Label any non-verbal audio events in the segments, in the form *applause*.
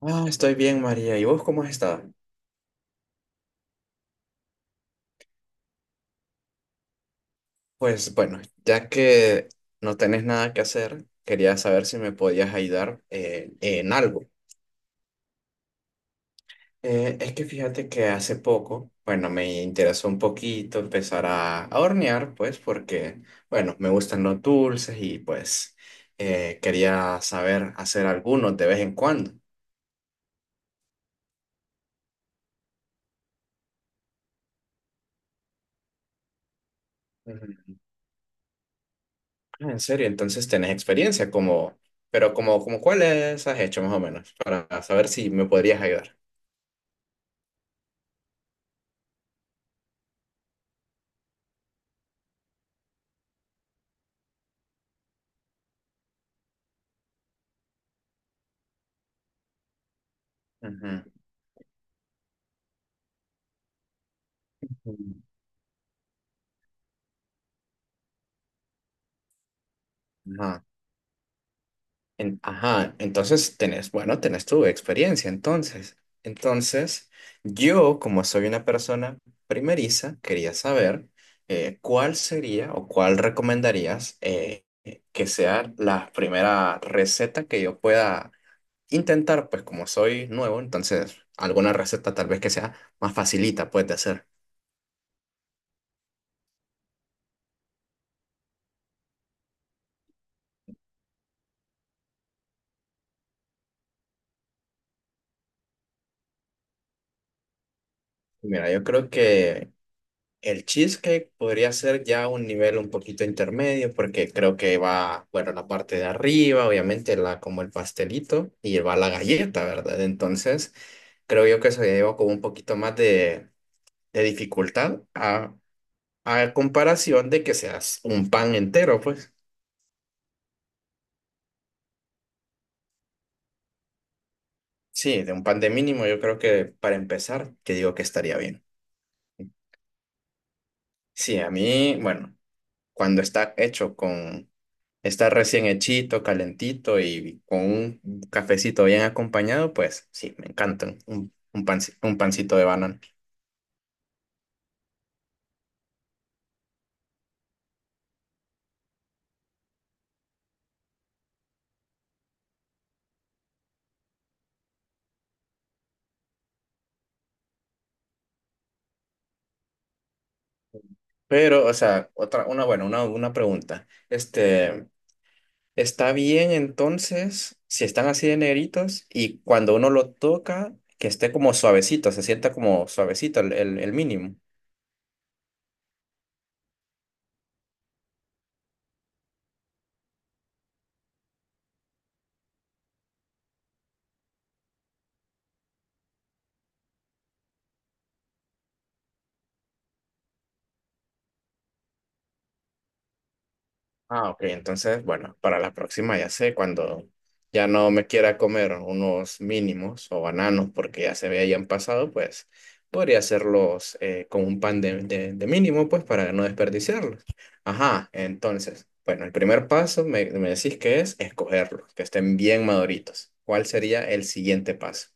*laughs* Estoy bien, María. ¿Y vos cómo has estado? Pues bueno, ya que no tenés nada que hacer, quería saber si me podías ayudar en algo. Es que fíjate que hace poco, bueno, me interesó un poquito empezar a hornear, pues porque, bueno, me gustan los dulces y pues quería saber hacer algunos de vez en cuando. Ujú. Ah, en serio, pero como cuáles has hecho más o menos, para saber si me podrías ayudar. Ujú. Ajá. Ajá, entonces tenés, bueno, tenés tu experiencia, entonces. Entonces, yo, como soy una persona primeriza, quería saber cuál sería o cuál recomendarías que sea la primera receta que yo pueda intentar, pues como soy nuevo, entonces alguna receta tal vez que sea más facilita, puedes hacer. Mira, yo creo que el cheesecake podría ser ya un nivel un poquito intermedio porque creo que va, bueno, la parte de arriba, obviamente, como el pastelito y va la galleta, ¿verdad? Entonces, creo yo que se lleva como un poquito más de dificultad a comparación de que seas un pan entero, pues. Sí, de un pan de mínimo, yo creo que para empezar, que digo que estaría bien. Sí, a mí, bueno, cuando está hecho con, está recién hechito, calentito y con un cafecito bien acompañado, pues sí, me encantan un pancito de banana. Pero, o sea, otra, una, bueno, una pregunta. Este, ¿está bien entonces si están así de negritos y cuando uno lo toca, que esté como suavecito, se sienta como suavecito el mínimo? Ah, ok, entonces, bueno, para la próxima ya sé, cuando ya no me quiera comer unos mínimos o bananos porque ya se me hayan pasado, pues podría hacerlos con un pan de mínimo, pues para no desperdiciarlos. Ajá, entonces, bueno, el primer paso me decís que es escogerlos, que estén bien maduritos. ¿Cuál sería el siguiente paso?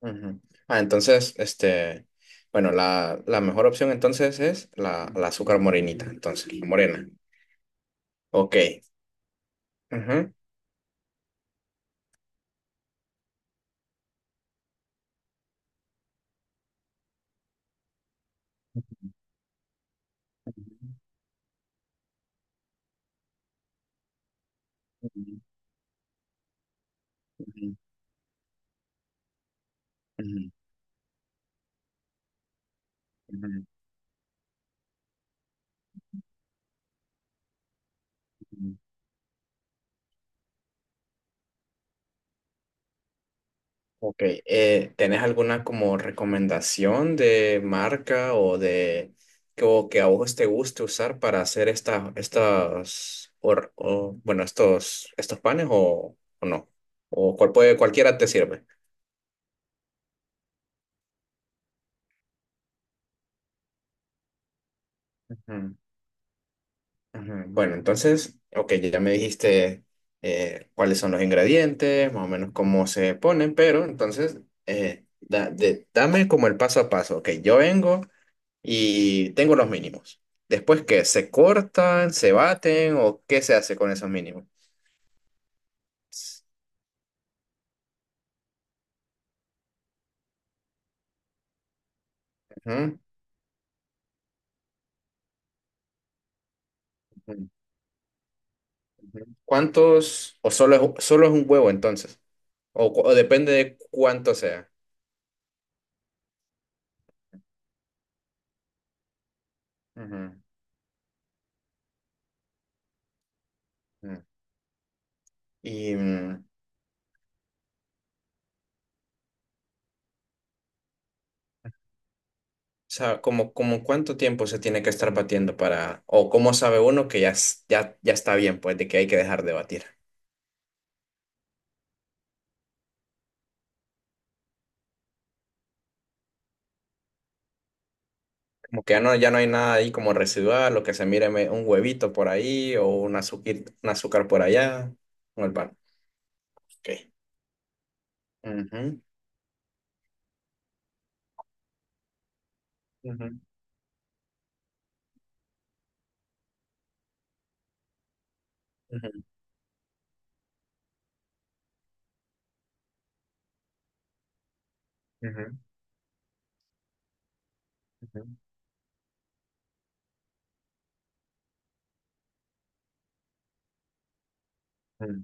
Ujú. Ah, entonces, este, bueno, la mejor opción entonces es la azúcar morenita, entonces, la morena. Ok. Ujú. Ujú, ujú, ujú, ujú, ujú. Ok, ¿tenés alguna como recomendación de marca o de que, o que a vos te guste usar para hacer esta, estas, or- o, bueno, estos, estos panes o no? ¿O cual puede, cualquiera te sirve? Ujú, ujú. Bueno, entonces, ok, ya me dijiste cuáles son los ingredientes, más o menos cómo se ponen, pero entonces, dame como el paso a paso, ok, yo vengo y tengo los mínimos. Después, ¿qué? ¿Se cortan, se baten o qué se hace con esos mínimos? Ujú. Ujú. ¿Cuántos? ¿O solo es un huevo entonces? O depende de cuánto sea. Ujú, ujú. Y, o sea, como cuánto tiempo se tiene que estar batiendo para, o cómo sabe uno que ya, ya está bien, pues, de que hay que dejar de batir. Como que ya no, ya no hay nada ahí como residual, lo que se mire un huevito por ahí o un azúcar por allá, o el ok. Ujú, ujú, ujú, ujú, ujú, ujú.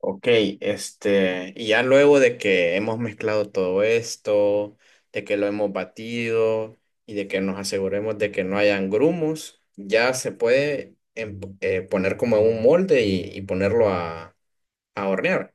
Ok, este, y ya luego de que hemos mezclado todo esto, de que lo hemos batido y de que nos aseguremos de que no hayan grumos, ya se puede poner como en un molde y ponerlo a hornear.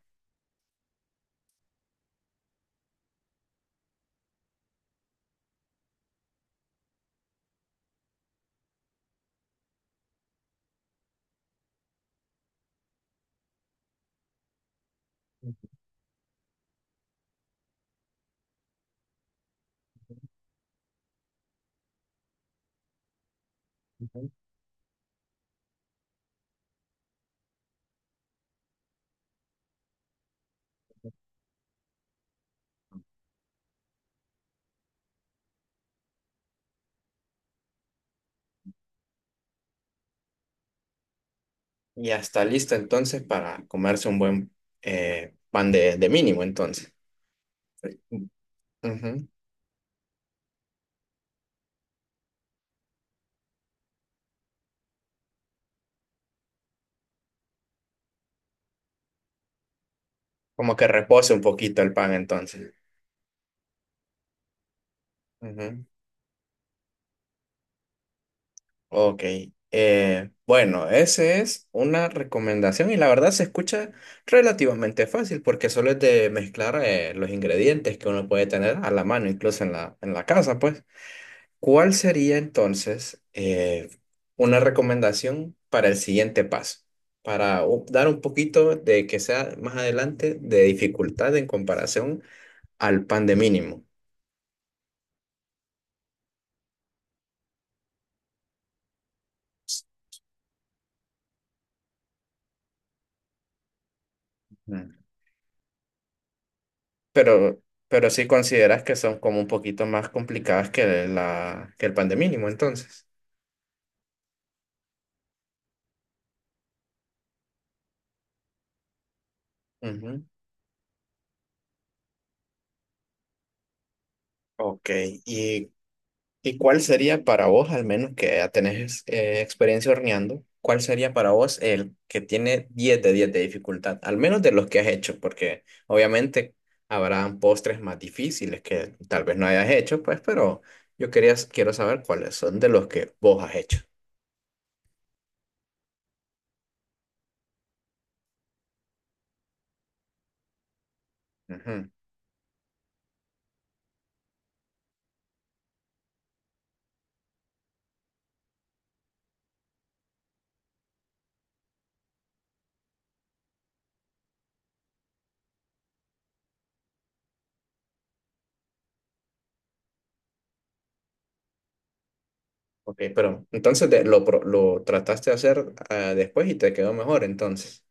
Ujú. Y ya está listo entonces para comerse un buen pan de mínimo entonces. Ujú. Como que repose un poquito el pan entonces. Ujú. Ok, bueno, esa es una recomendación y la verdad se escucha relativamente fácil porque solo es de mezclar los ingredientes que uno puede tener a la mano, incluso en en la casa, pues. ¿Cuál sería entonces una recomendación para el siguiente paso? Dar un poquito de que sea más adelante de dificultad en comparación al pan de mínimo. Pero, pero sí consideras que son como un poquito más complicadas que que el pan de mínimo, entonces. Ujú. Ok, ¿y, y cuál sería para vos, al menos que ya tenés experiencia horneando, cuál sería para vos el que tiene 10 de 10 de dificultad, al menos de los que has hecho? Porque obviamente habrán postres más difíciles que tal vez no hayas hecho, pues, pero quiero saber cuáles son de los que vos has hecho. Ok, pero entonces lo trataste de hacer ah, después y te quedó mejor entonces.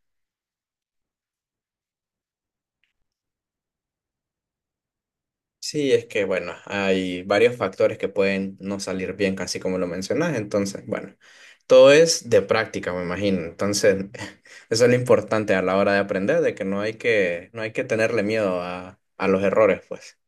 Sí, es que bueno, hay varios factores que pueden no salir bien, casi como lo mencionas. Entonces, bueno, todo es de práctica, me imagino. Entonces, *laughs* eso es lo importante a la hora de aprender, de que no hay que, no hay que tenerle miedo a los errores, pues.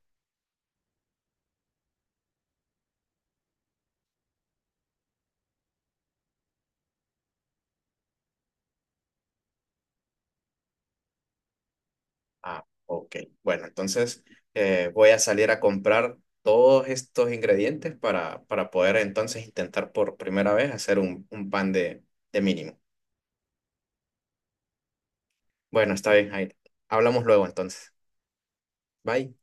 Ah, ok. Bueno, entonces voy a salir a comprar todos estos ingredientes para poder entonces intentar por primera vez hacer un pan de mínimo. Bueno, está bien, Jair. Hablamos luego entonces. Bye.